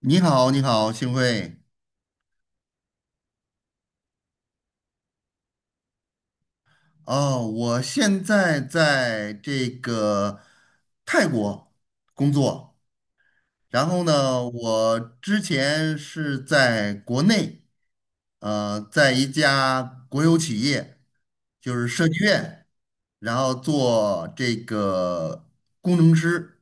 你好，你好，幸会。哦，我现在在这个泰国工作，然后呢，我之前是在国内，在一家国有企业，就是设计院，然后做这个工程师。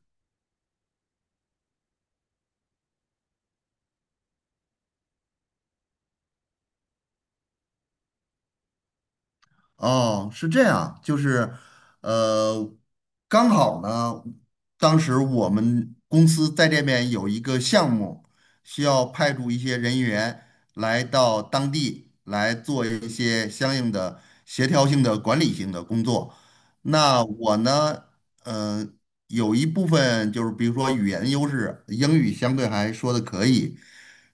哦，是这样，就是，呃，刚好呢，当时我们公司在这边有一个项目，需要派驻一些人员来到当地来做一些相应的协调性的管理性的工作。那我呢，呃，有一部分就是比如说语言优势，英语相对还说的可以，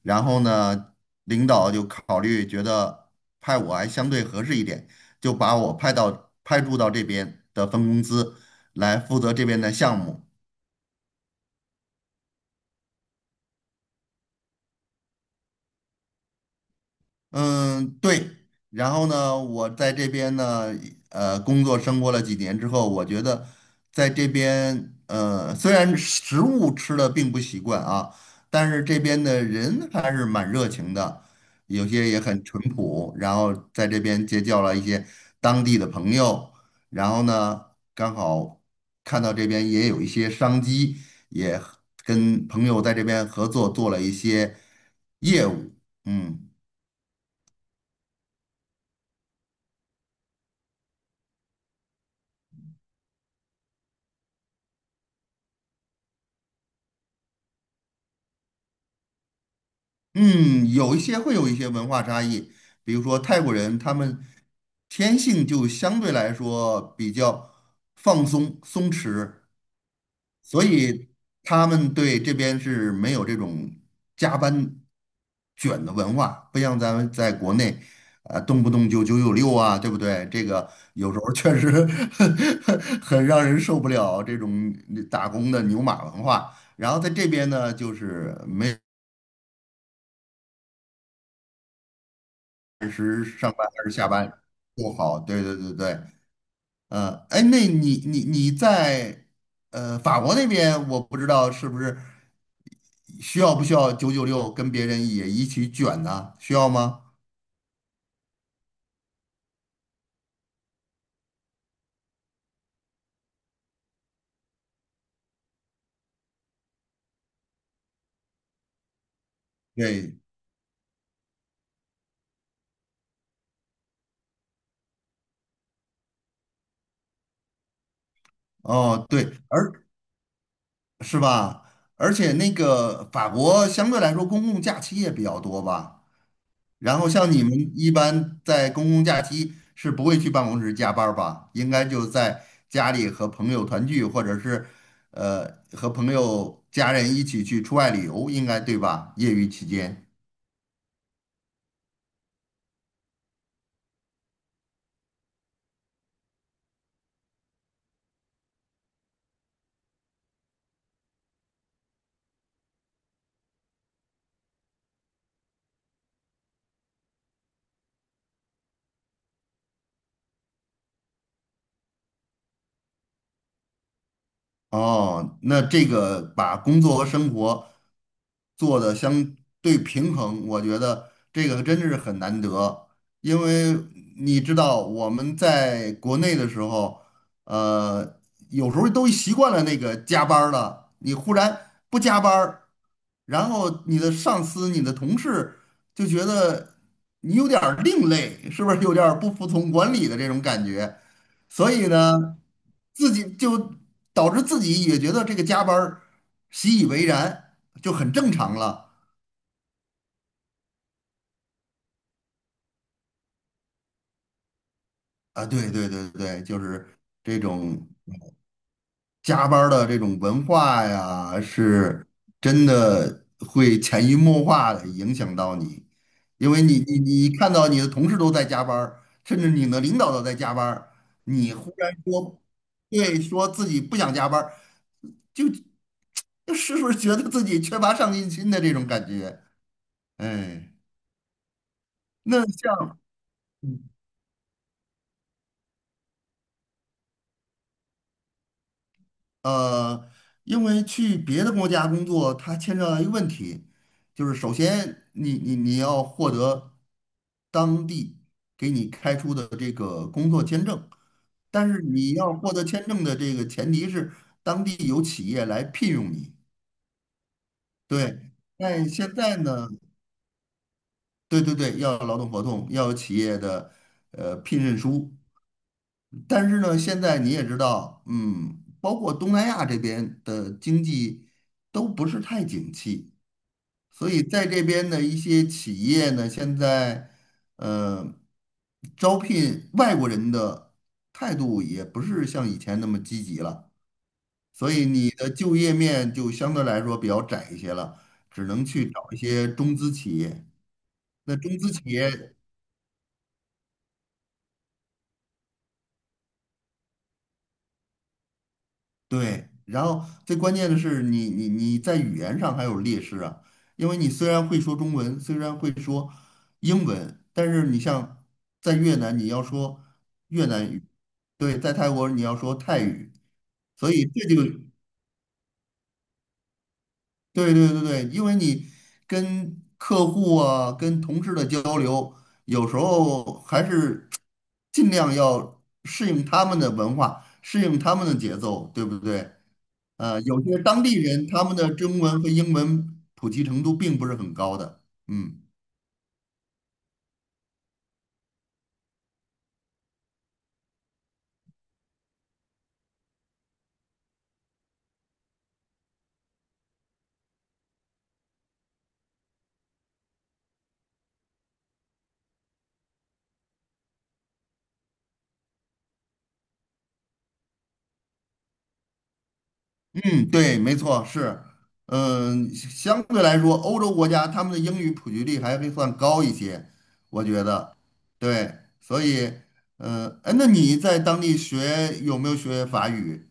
然后呢，领导就考虑觉得派我还相对合适一点。就把我派到派驻到这边的分公司来负责这边的项目。嗯，对。然后呢，我在这边呢，工作生活了几年之后，我觉得在这边，虽然食物吃的并不习惯啊，但是这边的人还是蛮热情的，有些也很淳朴。然后在这边结交了一些当地的朋友，然后呢，刚好看到这边也有一些商机，也跟朋友在这边合作做了一些业务，嗯。嗯，有一些会有一些文化差异，比如说泰国人，他们天性就相对来说比较放松、松弛，所以他们对这边是没有这种加班卷的文化，不像咱们在国内，动不动就九九六啊，对不对？这个有时候确实 很让人受不了这种打工的牛马文化。然后在这边呢，就是。没。按时上班还是下班不好。对对对对，哎，那你在法国那边，我不知道是不是需要不需要九九六跟别人也一起卷呢？需要吗？对，哦对，而是吧？而且那个法国相对来说公共假期也比较多吧？然后像你们一般在公共假期是不会去办公室加班儿吧？应该就在家里和朋友团聚，或者是和朋友家人一起去出外旅游，应该对吧？业余期间。哦，那这个把工作和生活做的相对平衡，我觉得这个真的是很难得。因为你知道我们在国内的时候，呃，有时候都习惯了那个加班儿了，你忽然不加班儿然后你的上司、你的同事就觉得你有点儿另类，是不是有点儿不服从管理的这种感觉？所以呢，自己就导致自己也觉得这个加班儿习以为然，就很正常了啊。对对对对，就是这种。加班儿的这种文化呀，是真的会潜移默化的影响到你，因为你看到你的同事都在加班儿甚至你的领导都在加班儿你忽然说，对，说自己不想加班儿就就是不是觉得自己缺乏上进心的这种感觉？哎，那像。呃，因为去别的国家工作，它牵扯到一个问题，就是首先你要获得当地给你开出的这个工作签证，但是你要获得签证的这个前提是当地有企业来聘用你。对，但现在呢，对对对，要有劳动合同，要有企业的聘任书，但是呢，现在你也知道，嗯，包括东南亚这边的经济都不是太景气，所以在这边的一些企业呢，现在呃招聘外国人的态度也不是像以前那么积极了，所以你的就业面就相对来说比较窄一些了，只能去找一些中资企业。那中资企业对，然后最关键的是你在语言上还有劣势啊，因为你虽然会说中文，虽然会说英文，但是你像在越南你要说越南语，对，在泰国你要说泰语，所以这就对对对对，因为你跟客户啊、跟同事的交流，有时候还是尽量要适应他们的文化，适应他们的节奏，对不对？有些当地人他们的中文和英文普及程度并不是很高的。嗯嗯，对，没错，是。嗯，相对来说，欧洲国家他们的英语普及率还会算高一些，我觉得。对，所以，哎，那你在当地学有没有学法语？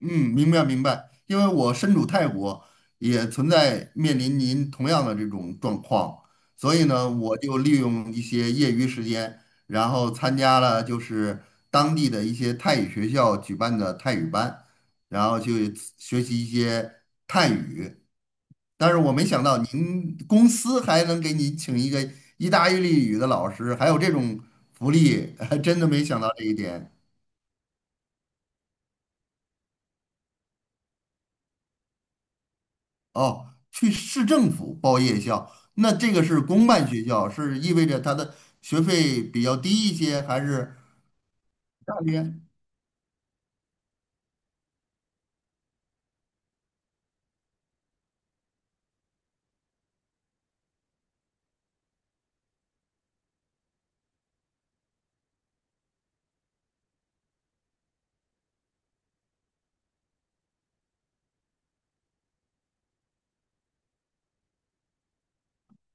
嗯，明白明白，因为我身处泰国，也存在面临您同样的这种状况，所以呢，我就利用一些业余时间，然后参加了就是当地的一些泰语学校举办的泰语班，然后去学习一些泰语。但是我没想到您公司还能给你请一个意大利语的老师，还有这种福利，真的没想到这一点。哦，去市政府报夜校，那这个是公办学校，是意味着它的学费比较低一些，还是大些？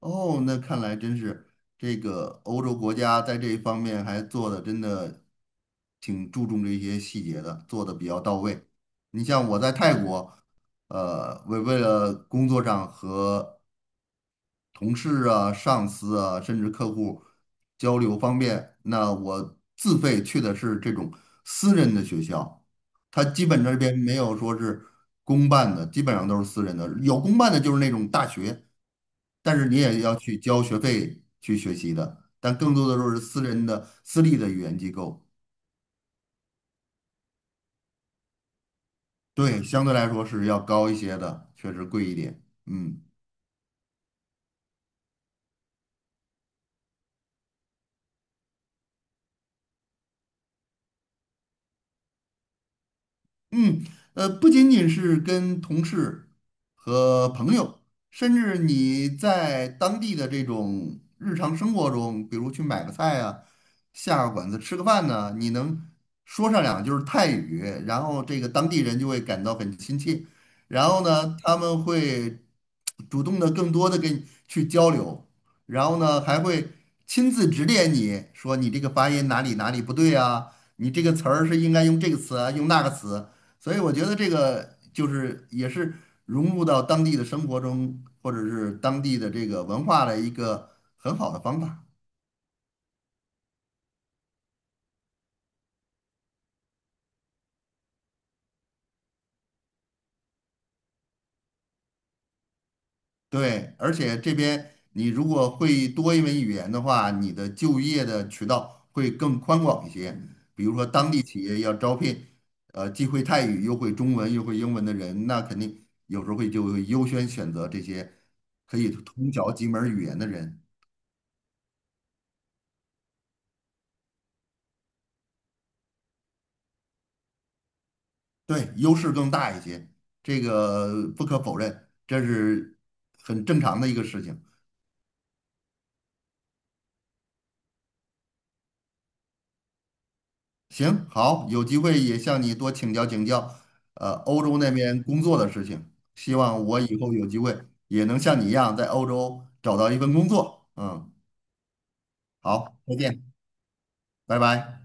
哦，那看来真是这个欧洲国家在这一方面还做的真的挺注重这些细节的，做的比较到位。你像我在泰国，为了工作上和同事啊、上司啊，甚至客户交流方便。那我自费去的是这种私人的学校，它基本这边没有说是公办的，基本上都是私人的。有公办的就是那种大学，但是你也要去交学费去学习的，但更多的都是私人的、私立的语言机构。对，相对来说是要高一些的，确实贵一点。嗯。嗯，不仅仅是跟同事和朋友，甚至你在当地的这种日常生活中，比如去买个菜啊，下个馆子吃个饭呢，你能说上两句儿泰语，然后这个当地人就会感到很亲切，然后呢，他们会主动的更多的跟你去交流，然后呢，还会亲自指点你说你这个发音哪里哪里不对啊，你这个词儿是应该用这个词啊，用那个词。所以我觉得这个就是也是融入到当地的生活中，或者是当地的这个文化的一个很好的方法。对，而且这边你如果会多一门语言的话，你的就业的渠道会更宽广一些。比如说当地企业要招聘，既会泰语又会中文又会英文的人，那肯定有时候就会优先选择这些可以通晓几门语言的人。对，优势更大一些，这个不可否认，这是很正常的一个事情。行，好，有机会也向你多请教请教，欧洲那边工作的事情，希望我以后有机会也能像你一样在欧洲找到一份工作。嗯，好，再见，拜拜。